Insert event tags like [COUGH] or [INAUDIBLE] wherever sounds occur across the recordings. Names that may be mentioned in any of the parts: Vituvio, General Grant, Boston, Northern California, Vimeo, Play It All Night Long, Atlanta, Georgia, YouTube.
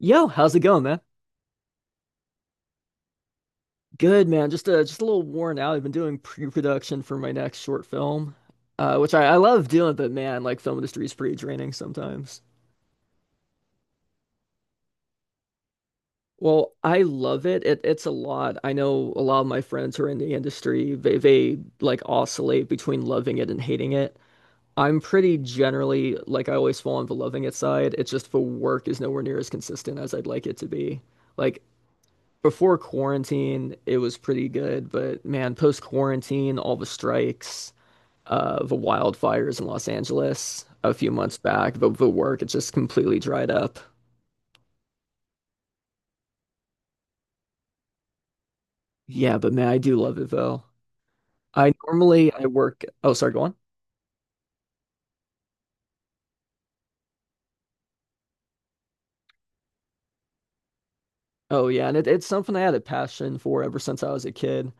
Yo, how's it going, man? Good, man. Just a little worn out. I've been doing pre-production for my next short film, which I love doing, but man, like film industry is pretty draining sometimes. Well, I love it. It's a lot. I know a lot of my friends who are in the industry, they like oscillate between loving it and hating it. I'm pretty generally like I always fall on the loving it side. It's just the work is nowhere near as consistent as I'd like it to be. Like, before quarantine, it was pretty good, but man, post quarantine, all the strikes, the wildfires in Los Angeles a few months back, the work, it just completely dried up. Yeah, but man, I do love it though. I normally I work. Oh, sorry, go on. Oh yeah, and it's something I had a passion for ever since I was a kid.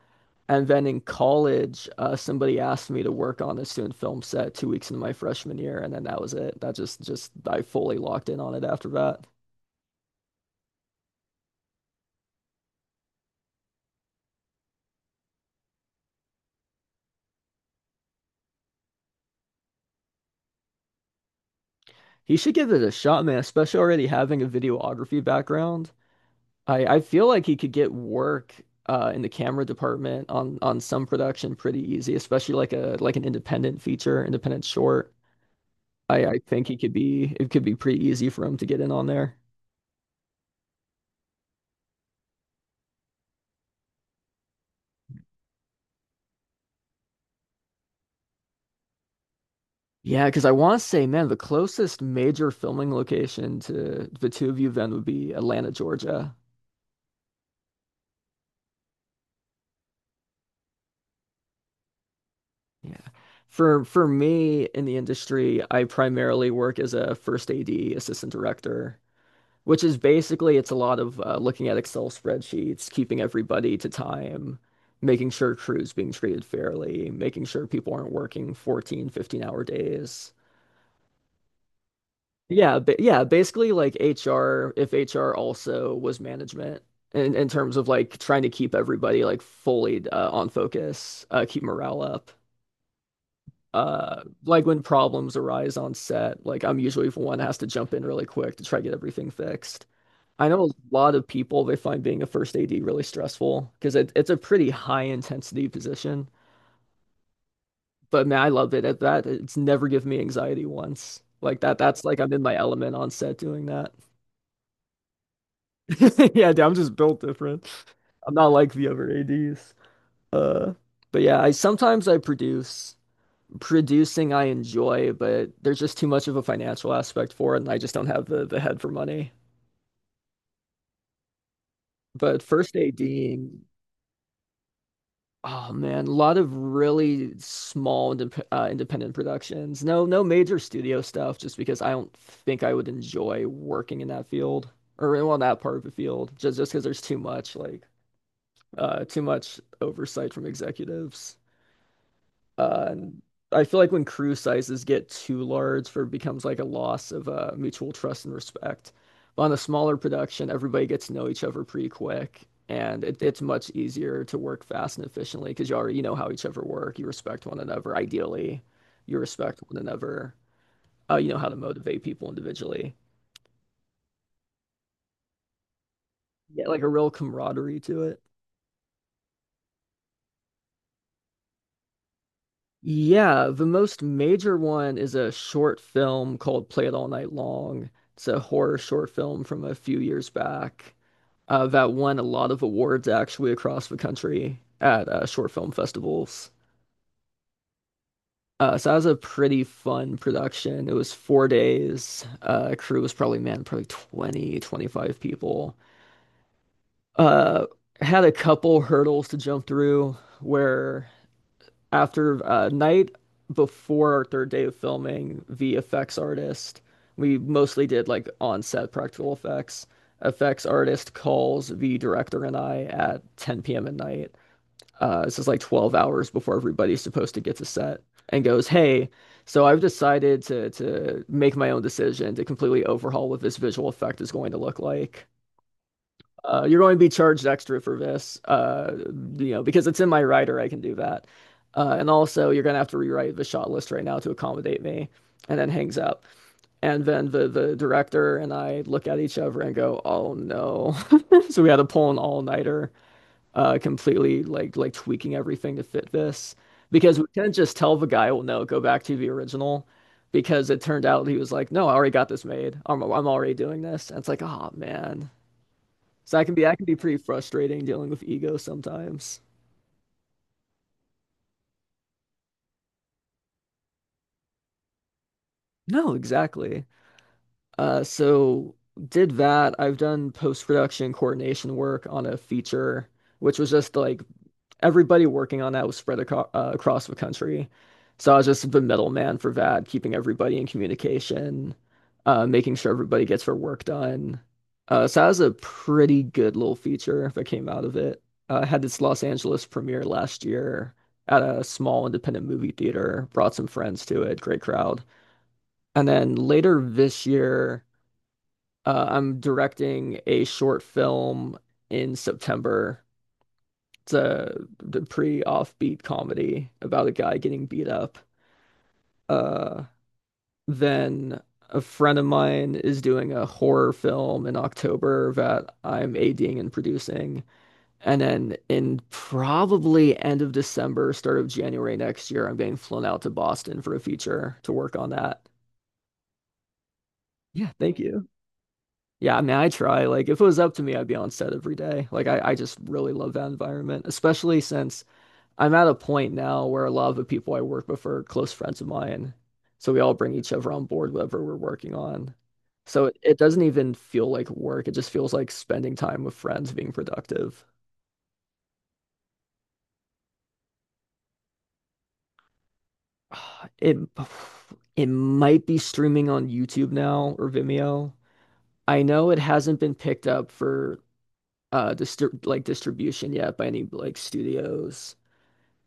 And then in college, somebody asked me to work on a student film set 2 weeks into my freshman year, and then that was it. That just I fully locked in on it after that. He should give it a shot, man, especially already having a videography background. I feel like he could get work in the camera department on some production pretty easy, especially like a an independent feature, independent short. I think he could be it could be pretty easy for him to get in on there. Yeah, because I want to say, man, the closest major filming location to Vituvio then would be Atlanta, Georgia. Yeah. For me in the industry, I primarily work as a first AD, assistant director. Which is basically it's a lot of looking at Excel spreadsheets, keeping everybody to time, making sure crew's being treated fairly, making sure people aren't working 14, 15 hour days. Basically like HR, if HR also was management in terms of like trying to keep everybody like fully on focus, keep morale up. Like when problems arise on set, like I'm usually the one that has to jump in really quick to try to get everything fixed. I know a lot of people they find being a first AD really stressful because it's a pretty high intensity position. But man, I love it at that. It's never given me anxiety once. Like that's like I'm in my element on set doing that. [LAUGHS] Yeah, dude, I'm just built different. I'm not like the other ADs. Uh, but yeah, I sometimes I produce. Producing I enjoy, but there's just too much of a financial aspect for it, and I just don't have the head for money. But first ADing. Oh man, a lot of really small independent productions. No, no major studio stuff, just because I don't think I would enjoy working in that field or well, that part of the field, just because there's too much like too much oversight from executives. And I feel like when crew sizes get too large, there becomes like a loss of mutual trust and respect. But on a smaller production, everybody gets to know each other pretty quick, and it's much easier to work fast and efficiently because you already know how each other work. You respect one another. Ideally, you respect one another. You know how to motivate people individually. Yeah, like a real camaraderie to it. Yeah, the most major one is a short film called Play It All Night Long. It's a horror short film from a few years back that won a lot of awards actually across the country at short film festivals. So that was a pretty fun production. It was 4 days. Crew was probably, man, probably 20, 25 people. Uh, Had a couple hurdles to jump through where after night before our third day of filming, V effects artist, we mostly did like on-set practical effects. Effects artist calls the director and I at 10 p.m. at night. This is like 12 hours before everybody's supposed to get to set and goes, "Hey, so I've decided to make my own decision to completely overhaul what this visual effect is going to look like. You're going to be charged extra for this, you know, because it's in my writer, I can do that. And also, you're going to have to rewrite the shot list right now to accommodate me. And then hangs up." And then the director and I look at each other and go, oh no. [LAUGHS] So we had to pull an all-nighter, completely like tweaking everything to fit this. Because we couldn't just tell the guy, well, no, go back to the original. Because it turned out he was like, no, I already got this made. I'm already doing this. And it's like, oh man. So I can be pretty frustrating dealing with ego sometimes. No, exactly. So did that. I've done post-production coordination work on a feature, which was just like everybody working on that was spread aco across the country. So I was just the middleman for that, keeping everybody in communication, making sure everybody gets their work done. So that was a pretty good little feature that came out of it. Had its Los Angeles premiere last year at a small independent movie theater. Brought some friends to it, great crowd. And then later this year, I'm directing a short film in September. It's a the pretty offbeat comedy about a guy getting beat up. Uh, then a friend of mine is doing a horror film in October that I'm ADing and producing. And then in probably end of December, start of January next year, I'm getting flown out to Boston for a feature to work on that. Yeah, thank you. Yeah, I mean, I try. Like, if it was up to me, I'd be on set every day. Like, I just really love that environment, especially since I'm at a point now where a lot of the people I work with are close friends of mine. So we all bring each other on board whatever we're working on. So it doesn't even feel like work. It just feels like spending time with friends, being productive. [SIGHS] It it might be streaming on YouTube now or Vimeo. I know it hasn't been picked up for distribution yet by any like studios,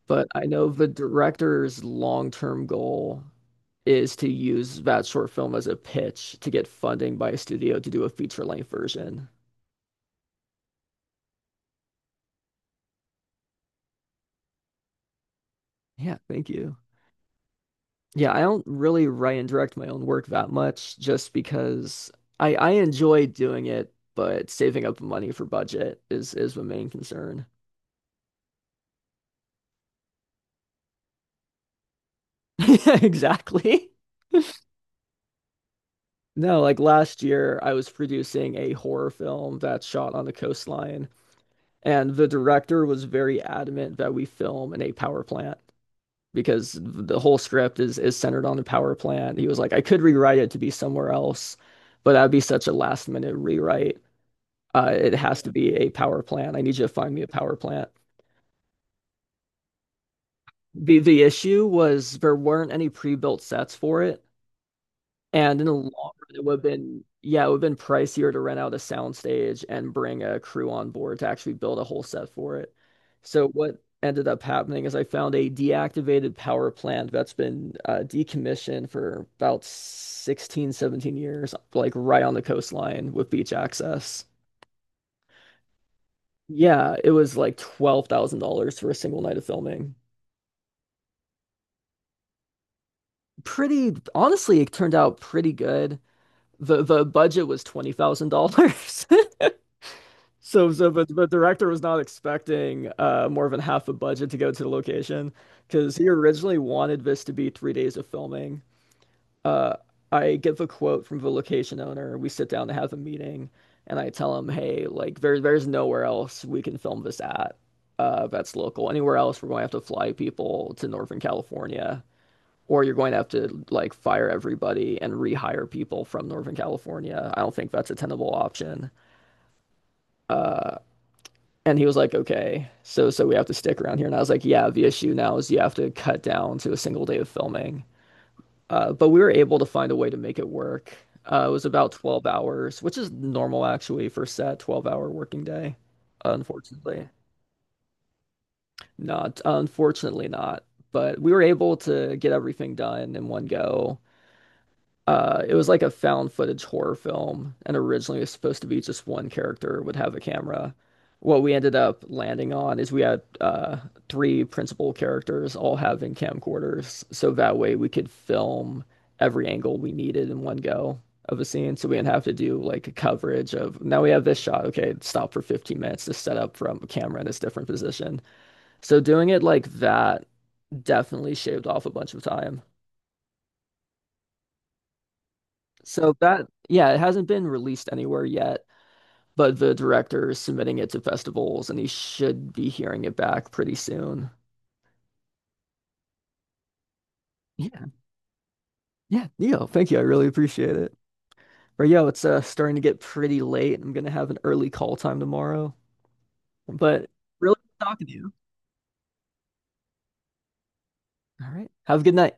but I know the director's long-term goal is to use that short film as a pitch to get funding by a studio to do a feature length version. Yeah, thank you. Yeah, I don't really write and direct my own work that much just because I enjoy doing it, but saving up money for budget is the main concern. [LAUGHS] Exactly. No, like last year I was producing a horror film that shot on the coastline, and the director was very adamant that we film in a power plant, because the whole script is centered on the power plant. He was like, I could rewrite it to be somewhere else, but that'd be such a last minute rewrite. It has to be a power plant. I need you to find me a power plant. The issue was there weren't any pre-built sets for it. And in the long run, it would have been, yeah, it would have been pricier to rent out a soundstage and bring a crew on board to actually build a whole set for it. So what ended up happening is I found a deactivated power plant that's been decommissioned for about 16, 17 years, like right on the coastline with beach access. Yeah, it was like $12,000 for a single night of filming. Pretty, honestly, it turned out pretty good. The budget was $20,000. [LAUGHS] But the director was not expecting more than half a budget to go to the location because he originally wanted this to be 3 days of filming. Uh, I give a quote from the location owner. We sit down to have a meeting, and I tell him, "Hey, like there's nowhere else we can film this at. That's local. Anywhere else, we're going to have to fly people to Northern California, or you're going to have to like fire everybody and rehire people from Northern California. I don't think that's a tenable option." Uh, and he was like, okay, so we have to stick around here. And I was like, yeah, the issue now is you have to cut down to a single day of filming. But we were able to find a way to make it work. It was about 12 hours, which is normal actually for set, 12-hour working day. Unfortunately, not. Unfortunately, not. But we were able to get everything done in one go. It was like a found footage horror film, and originally it was supposed to be just one character would have a camera. What we ended up landing on is we had three principal characters all having camcorders, so that way we could film every angle we needed in one go of a scene. So we didn't have to do like a coverage of now we have this shot. Okay, stop for 15 minutes to set up from a camera in this different position. So doing it like that definitely shaved off a bunch of time. So that, yeah, it hasn't been released anywhere yet, but the director is submitting it to festivals and he should be hearing it back pretty soon. Yeah, yeah, Neo, thank you. I really appreciate it. But yo, it's starting to get pretty late. I'm gonna have an early call time tomorrow. But really good talking to you. All right. Have a good night.